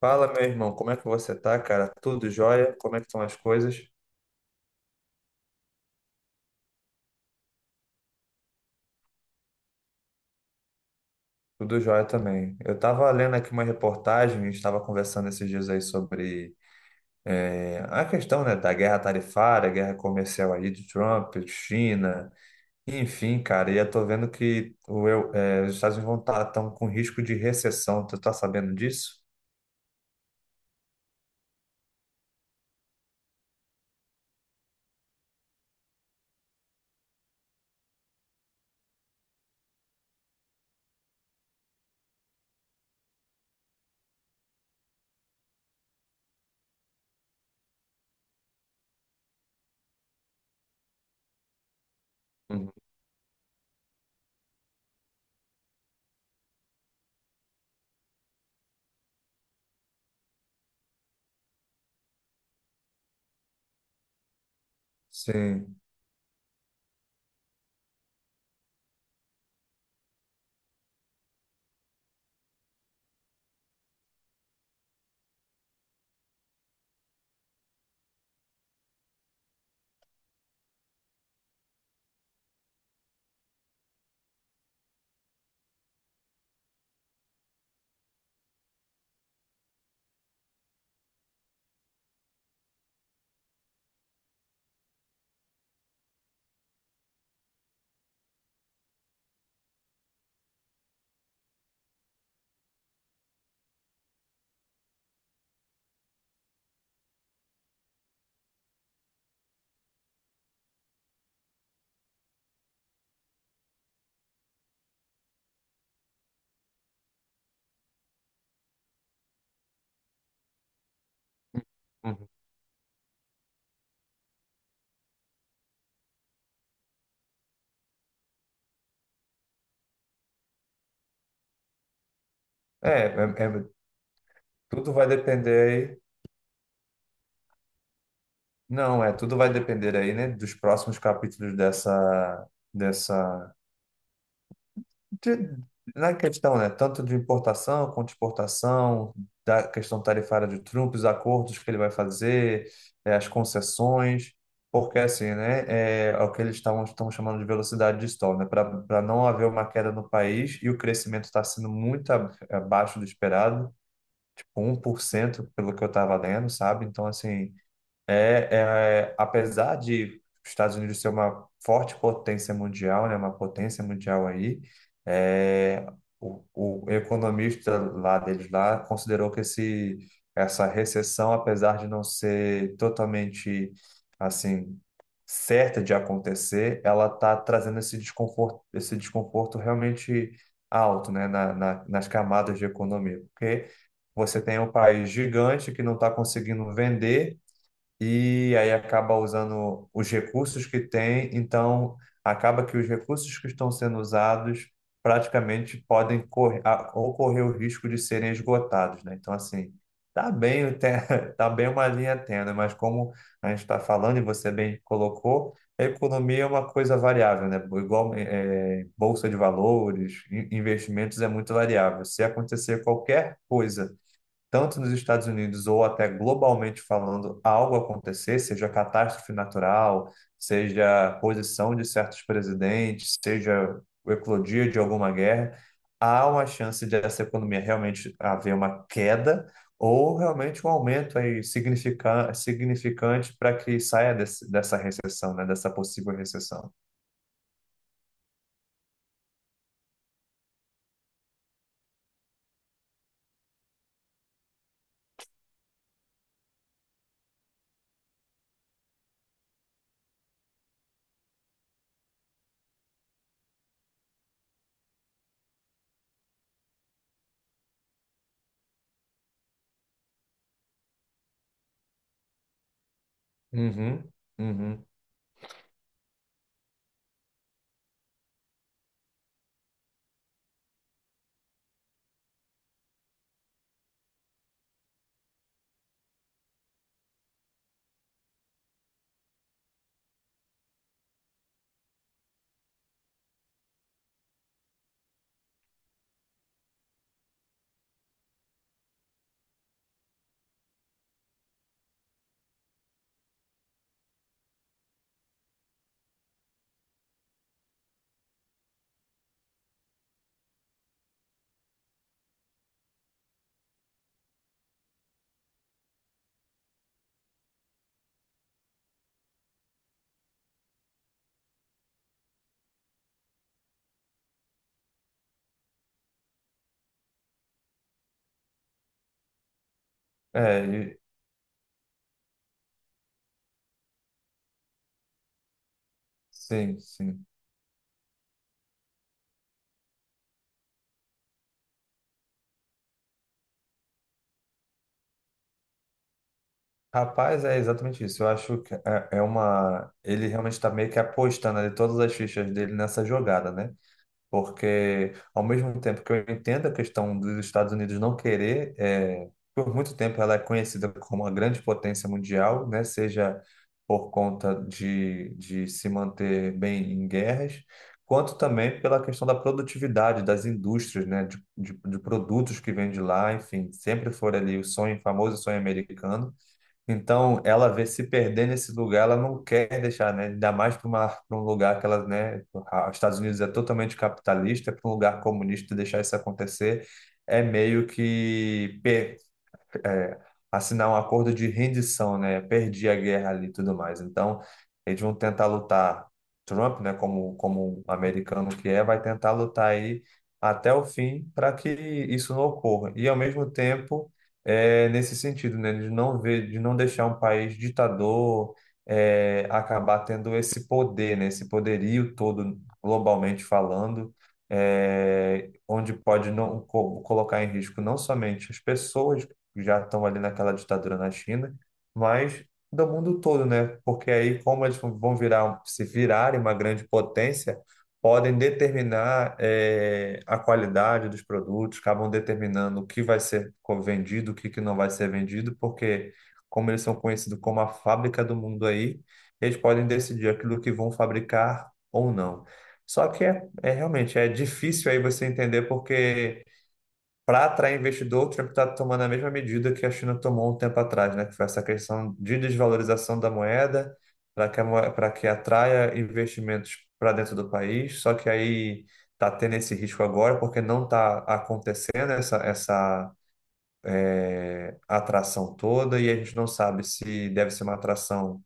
Fala, meu irmão, como é que você tá, cara? Tudo jóia? Como é que estão as coisas? Tudo jóia também. Eu estava lendo aqui uma reportagem, a gente estava conversando esses dias aí sobre a questão, né, da guerra tarifária, guerra comercial aí de Trump, China, enfim, cara, e eu tô vendo que os Estados Unidos vão estar tão com risco de recessão. Tu tá sabendo disso? Uhum. Sim. Uhum. É, é- é- Tudo vai depender aí. Não, é, tudo vai depender aí, né, dos próximos capítulos dessa, de- na questão, né, tanto de importação quanto de exportação, da questão tarifária de Trump, os acordos que ele vai fazer, é, as concessões, porque assim, né, é, é o que eles estavam estão chamando de velocidade de stall, né, para não haver uma queda no país e o crescimento está sendo muito abaixo do esperado, tipo 1% pelo que eu estava lendo, sabe? Então, assim é, é, apesar de os Estados Unidos ser uma forte potência mundial, né, uma potência mundial aí, é, o, o economista lá deles lá considerou que essa recessão, apesar de não ser totalmente assim certa de acontecer, ela está trazendo esse desconforto realmente alto, né, nas camadas de economia, porque você tem um país gigante que não está conseguindo vender e aí acaba usando os recursos que tem, então acaba que os recursos que estão sendo usados praticamente podem ocorrer o risco de serem esgotados, né? Então, assim, tá bem, tá bem uma linha tênue, mas como a gente está falando e você bem colocou, a economia é uma coisa variável, né? Igual bolsa de valores, investimentos é muito variável. Se acontecer qualquer coisa tanto nos Estados Unidos ou até globalmente falando, algo acontecer, seja catástrofe natural, seja posição de certos presidentes, seja o eclodir de alguma guerra, há uma chance de essa economia realmente haver uma queda ou realmente um aumento aí significante para que saia dessa recessão, né, dessa possível recessão. Uhum. Uhum. É, e- sim, sim. Rapaz, é exatamente isso. Eu acho que é uma. Ele realmente está meio que apostando ali todas as fichas dele nessa jogada, né? Porque, ao mesmo tempo que eu entendo a questão dos Estados Unidos não querer, é, por muito tempo ela é conhecida como uma grande potência mundial, né? Seja por conta de se manter bem em guerras, quanto também pela questão da produtividade das indústrias, né? De produtos que vêm de lá, enfim, sempre foi ali o sonho, famoso sonho americano. Então, ela vê se perder nesse lugar, ela não quer deixar, né? Ainda mais para um lugar que ela, né? Os Estados Unidos é totalmente capitalista, para um lugar comunista deixar isso acontecer é meio que é, assinar um acordo de rendição, né? Perdi a guerra ali e tudo mais. Então, eles vão tentar lutar. Trump, né, como um americano que é, vai tentar lutar aí até o fim para que isso não ocorra. E, ao mesmo tempo, é, nesse sentido, né, de não ver, de não deixar um país ditador é, acabar tendo esse poder, né, esse poderio todo, globalmente falando. É, onde pode não co- colocar em risco não somente as pessoas já estão ali naquela ditadura na China, mas do mundo todo, né? Porque aí, como eles vão virar, se virarem uma grande potência, podem determinar a qualidade dos produtos, acabam determinando o que vai ser vendido, o que que não vai ser vendido, porque como eles são conhecidos como a fábrica do mundo aí, eles podem decidir aquilo que vão fabricar ou não. Só que é, é realmente é difícil aí você entender porque para atrair investidor, o Trump está tomando a mesma medida que a China tomou um tempo atrás, né? Que foi essa questão de desvalorização da moeda para que, pra que atraia investimentos para dentro do país. Só que aí está tendo esse risco agora, porque não está acontecendo essa atração toda, e a gente não sabe se deve ser uma atração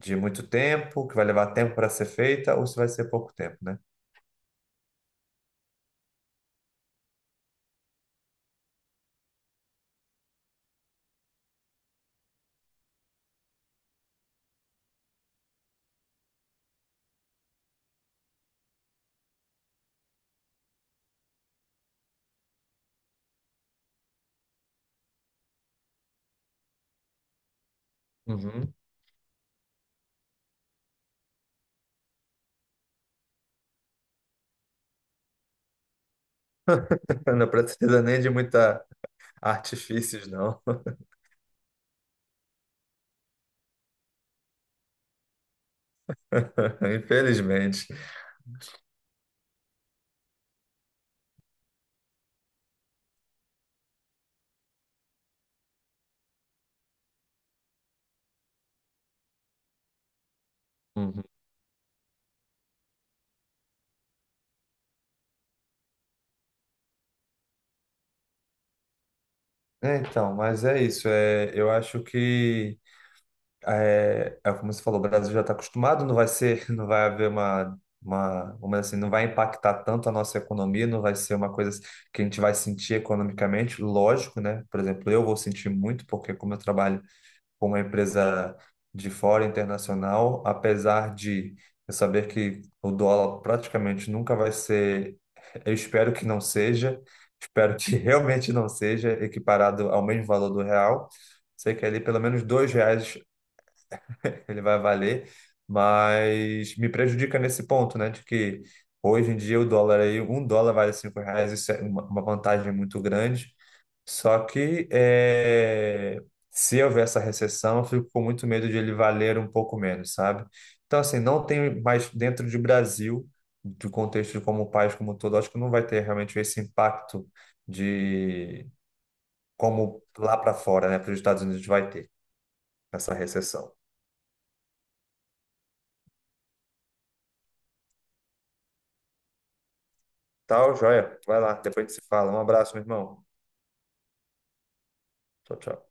de muito tempo, que vai levar tempo para ser feita, ou se vai ser pouco tempo, né? Uhum. Não precisa nem de muita artifícios, não. Infelizmente. Uhum. É, então, mas é isso. É, eu acho que é, é como você falou, o Brasil já está acostumado, não vai ser, não vai haver uma, vamos dizer assim, não vai impactar tanto a nossa economia, não vai ser uma coisa que a gente vai sentir economicamente, lógico, né? Por exemplo, eu vou sentir muito, porque como eu trabalho com uma empresa de fora internacional, apesar de eu saber que o dólar praticamente nunca vai ser, eu espero que não seja, espero que realmente não seja equiparado ao mesmo valor do real. Sei que ali pelo menos R$ 2 ele vai valer, mas me prejudica nesse ponto, né, de que hoje em dia o dólar aí, um dólar vale R$ 5, isso é uma vantagem muito grande. Só que é, se houver essa recessão, eu fico com muito medo de ele valer um pouco menos, sabe? Então, assim, não tem mais dentro de Brasil, do contexto de como o país como um todo, acho que não vai ter realmente esse impacto de como lá para fora, né, para os Estados Unidos vai ter essa recessão. Tal, joia? Vai lá, depois a gente se fala. Um abraço, meu irmão. Tchau, tchau.